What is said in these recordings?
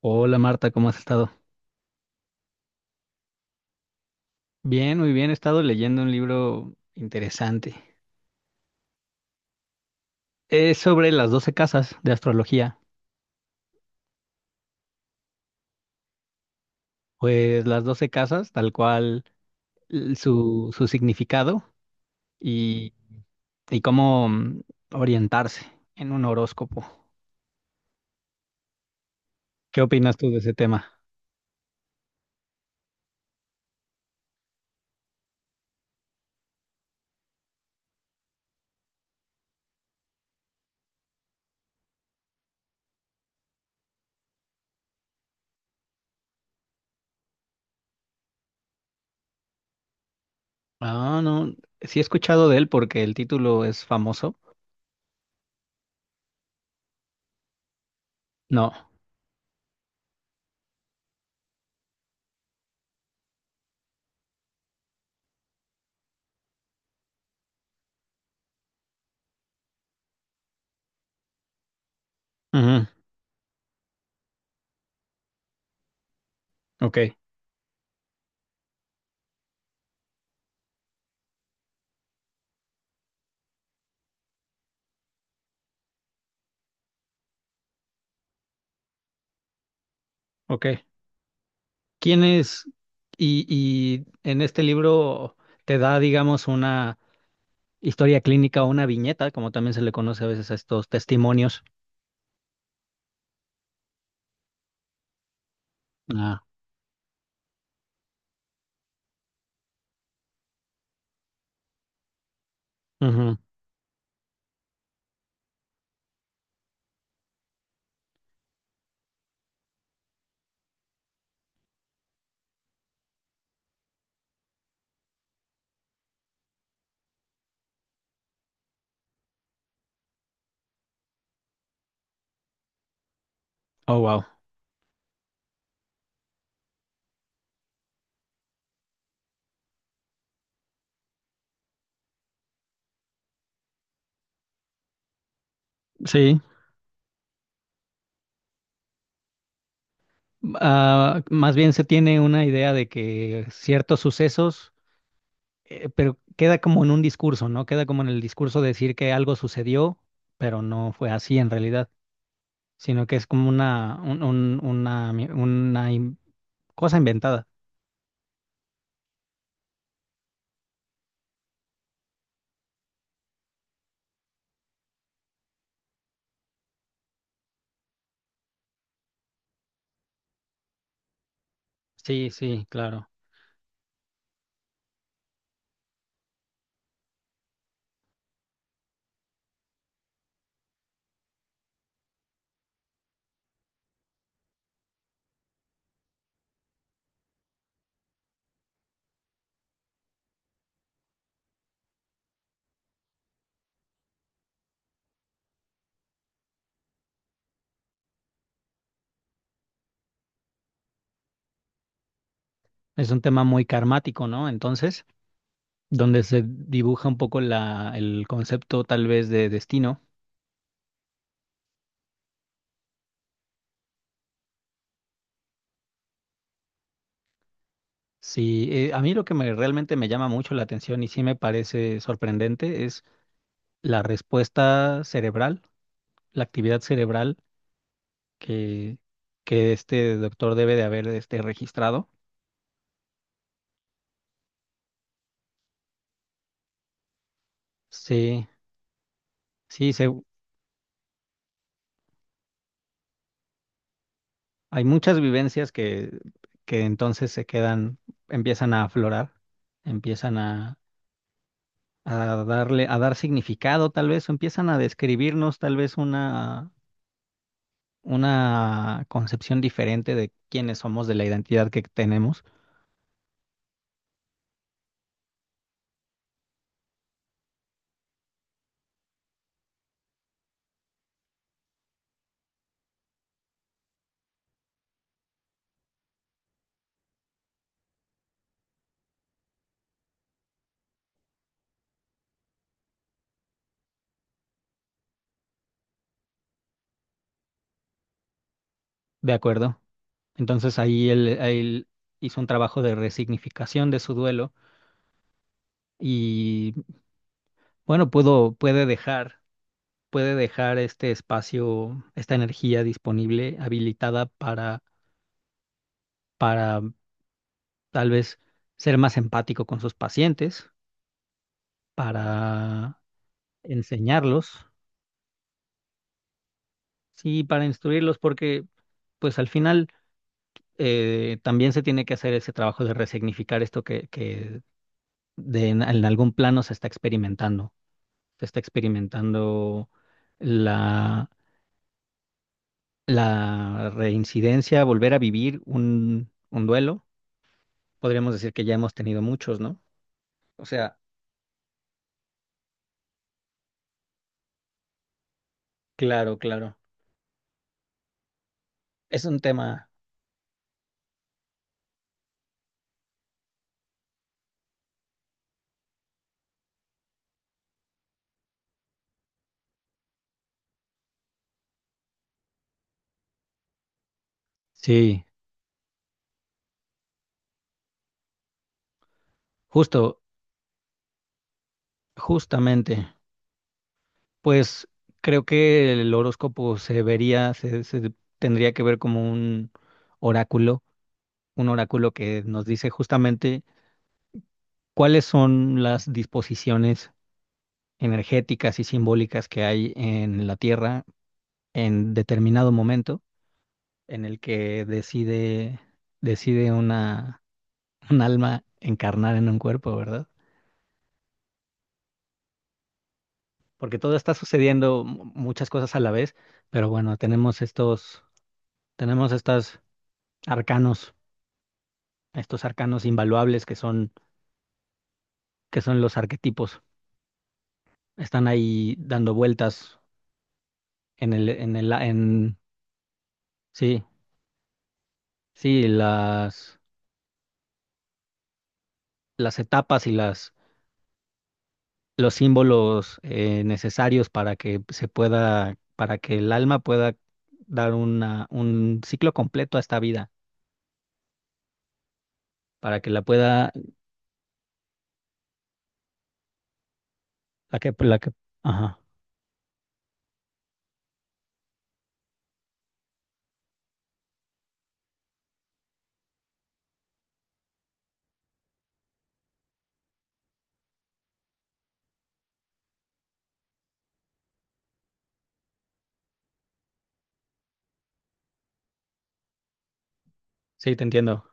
Hola Marta, ¿cómo has estado? Bien, muy bien. He estado leyendo un libro interesante. Es sobre las doce casas de astrología. Pues las doce casas, tal cual su significado y, y cómo orientarse en un horóscopo. ¿Qué opinas tú de ese tema? Ah, no. Sí he escuchado de él porque el título es famoso. No. Ujú, ok, ok. ¿Quién es? Y en este libro te da, digamos, una historia clínica o una viñeta, como también se le conoce a veces a estos testimonios. Ah, ujú. Oh, wow. Sí. Ah, más bien se tiene una idea de que ciertos sucesos, pero queda como en un discurso, ¿no? Queda como en el discurso de decir que algo sucedió, pero no fue así en realidad, sino que es como una, un- una, mi- una in- cosa inventada. Sí, sí, claro. Es un tema muy karmático, ¿no? Entonces donde se dibuja un poco el concepto tal vez de destino. Sí, a mí lo que me, realmente me llama mucho la atención y sí me parece sorprendente es la respuesta cerebral, la actividad cerebral que, que este doctor debe de haber registrado. Sí, sí, hay muchas vivencias que entonces se quedan, empiezan a aflorar, empiezan a, a a dar significado tal vez, o empiezan a describirnos tal vez una concepción diferente de quiénes somos, de la identidad que tenemos, ¿de acuerdo? Entonces ahí él hizo un trabajo de resignificación de su duelo y bueno, puede puede dejar este espacio, esta energía disponible, habilitada para tal vez ser más empático con sus pacientes, para enseñarlos, sí, para instruirlos, porque pues al final también se tiene que hacer ese trabajo de resignificar esto que de en algún plano se está experimentando. Se está experimentando la, la reincidencia, volver a vivir un duelo. Podríamos decir que ya hemos tenido muchos, ¿no? O sea, claro, claro. Es un tema. Sí, justo, justamente. Pues creo que el horóscopo se tendría que ver como un oráculo, un oráculo que nos dice justamente cuáles son las disposiciones energéticas y simbólicas que hay en la Tierra en determinado momento en el que decide un alma encarnar en un cuerpo, ¿verdad? Porque todo está sucediendo, muchas cosas a la vez, pero bueno, tenemos arcanos, estos arcanos invaluables que son los arquetipos. Están ahí dando vueltas en sí, sí, las etapas y los símbolos necesarios para que se pueda, para que el alma pueda dar un ciclo completo a esta vida, para que la pueda, la que, la que, ajá, sí, te entiendo,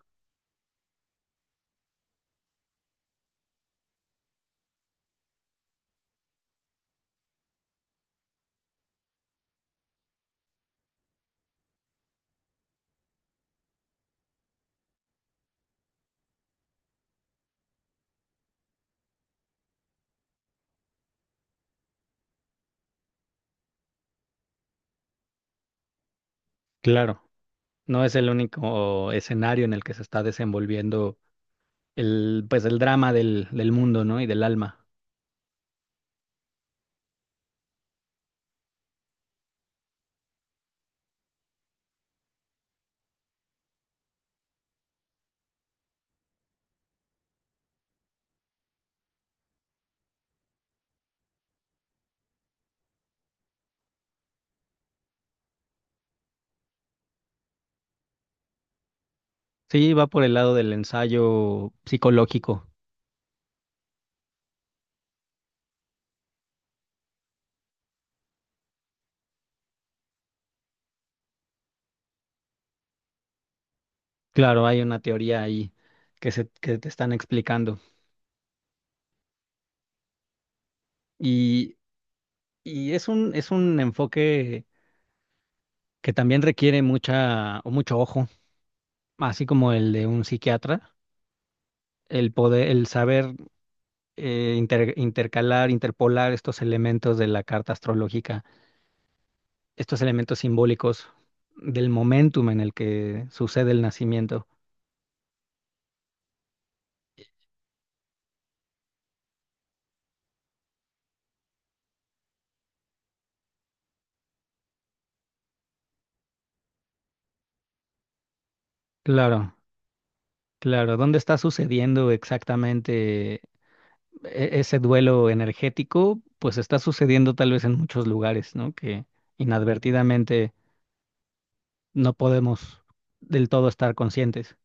claro, no es el único escenario en el que se está desenvolviendo el, pues el drama del mundo, ¿no? Y del alma. Sí, va por el lado del ensayo psicológico. Claro, hay una teoría ahí que te están explicando. Y, y es es un enfoque que también requiere mucha, o mucho ojo, así como el de un psiquiatra, el saber intercalar, interpolar estos elementos de la carta astrológica, estos elementos simbólicos del momentum en el que sucede el nacimiento. Claro, claro. ¿Dónde está sucediendo exactamente ese duelo energético? Pues está sucediendo tal vez en muchos lugares, ¿no? Que inadvertidamente no podemos del todo estar conscientes.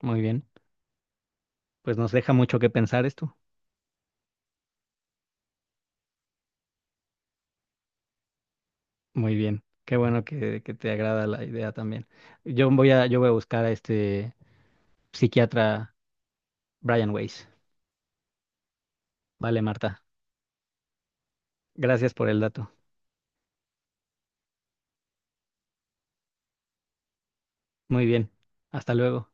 Muy bien, pues nos deja mucho que pensar esto. Muy bien, qué bueno que te agrada la idea también. Yo voy a buscar a este psiquiatra Brian Weiss. Vale, Marta, gracias por el dato. Muy bien, hasta luego.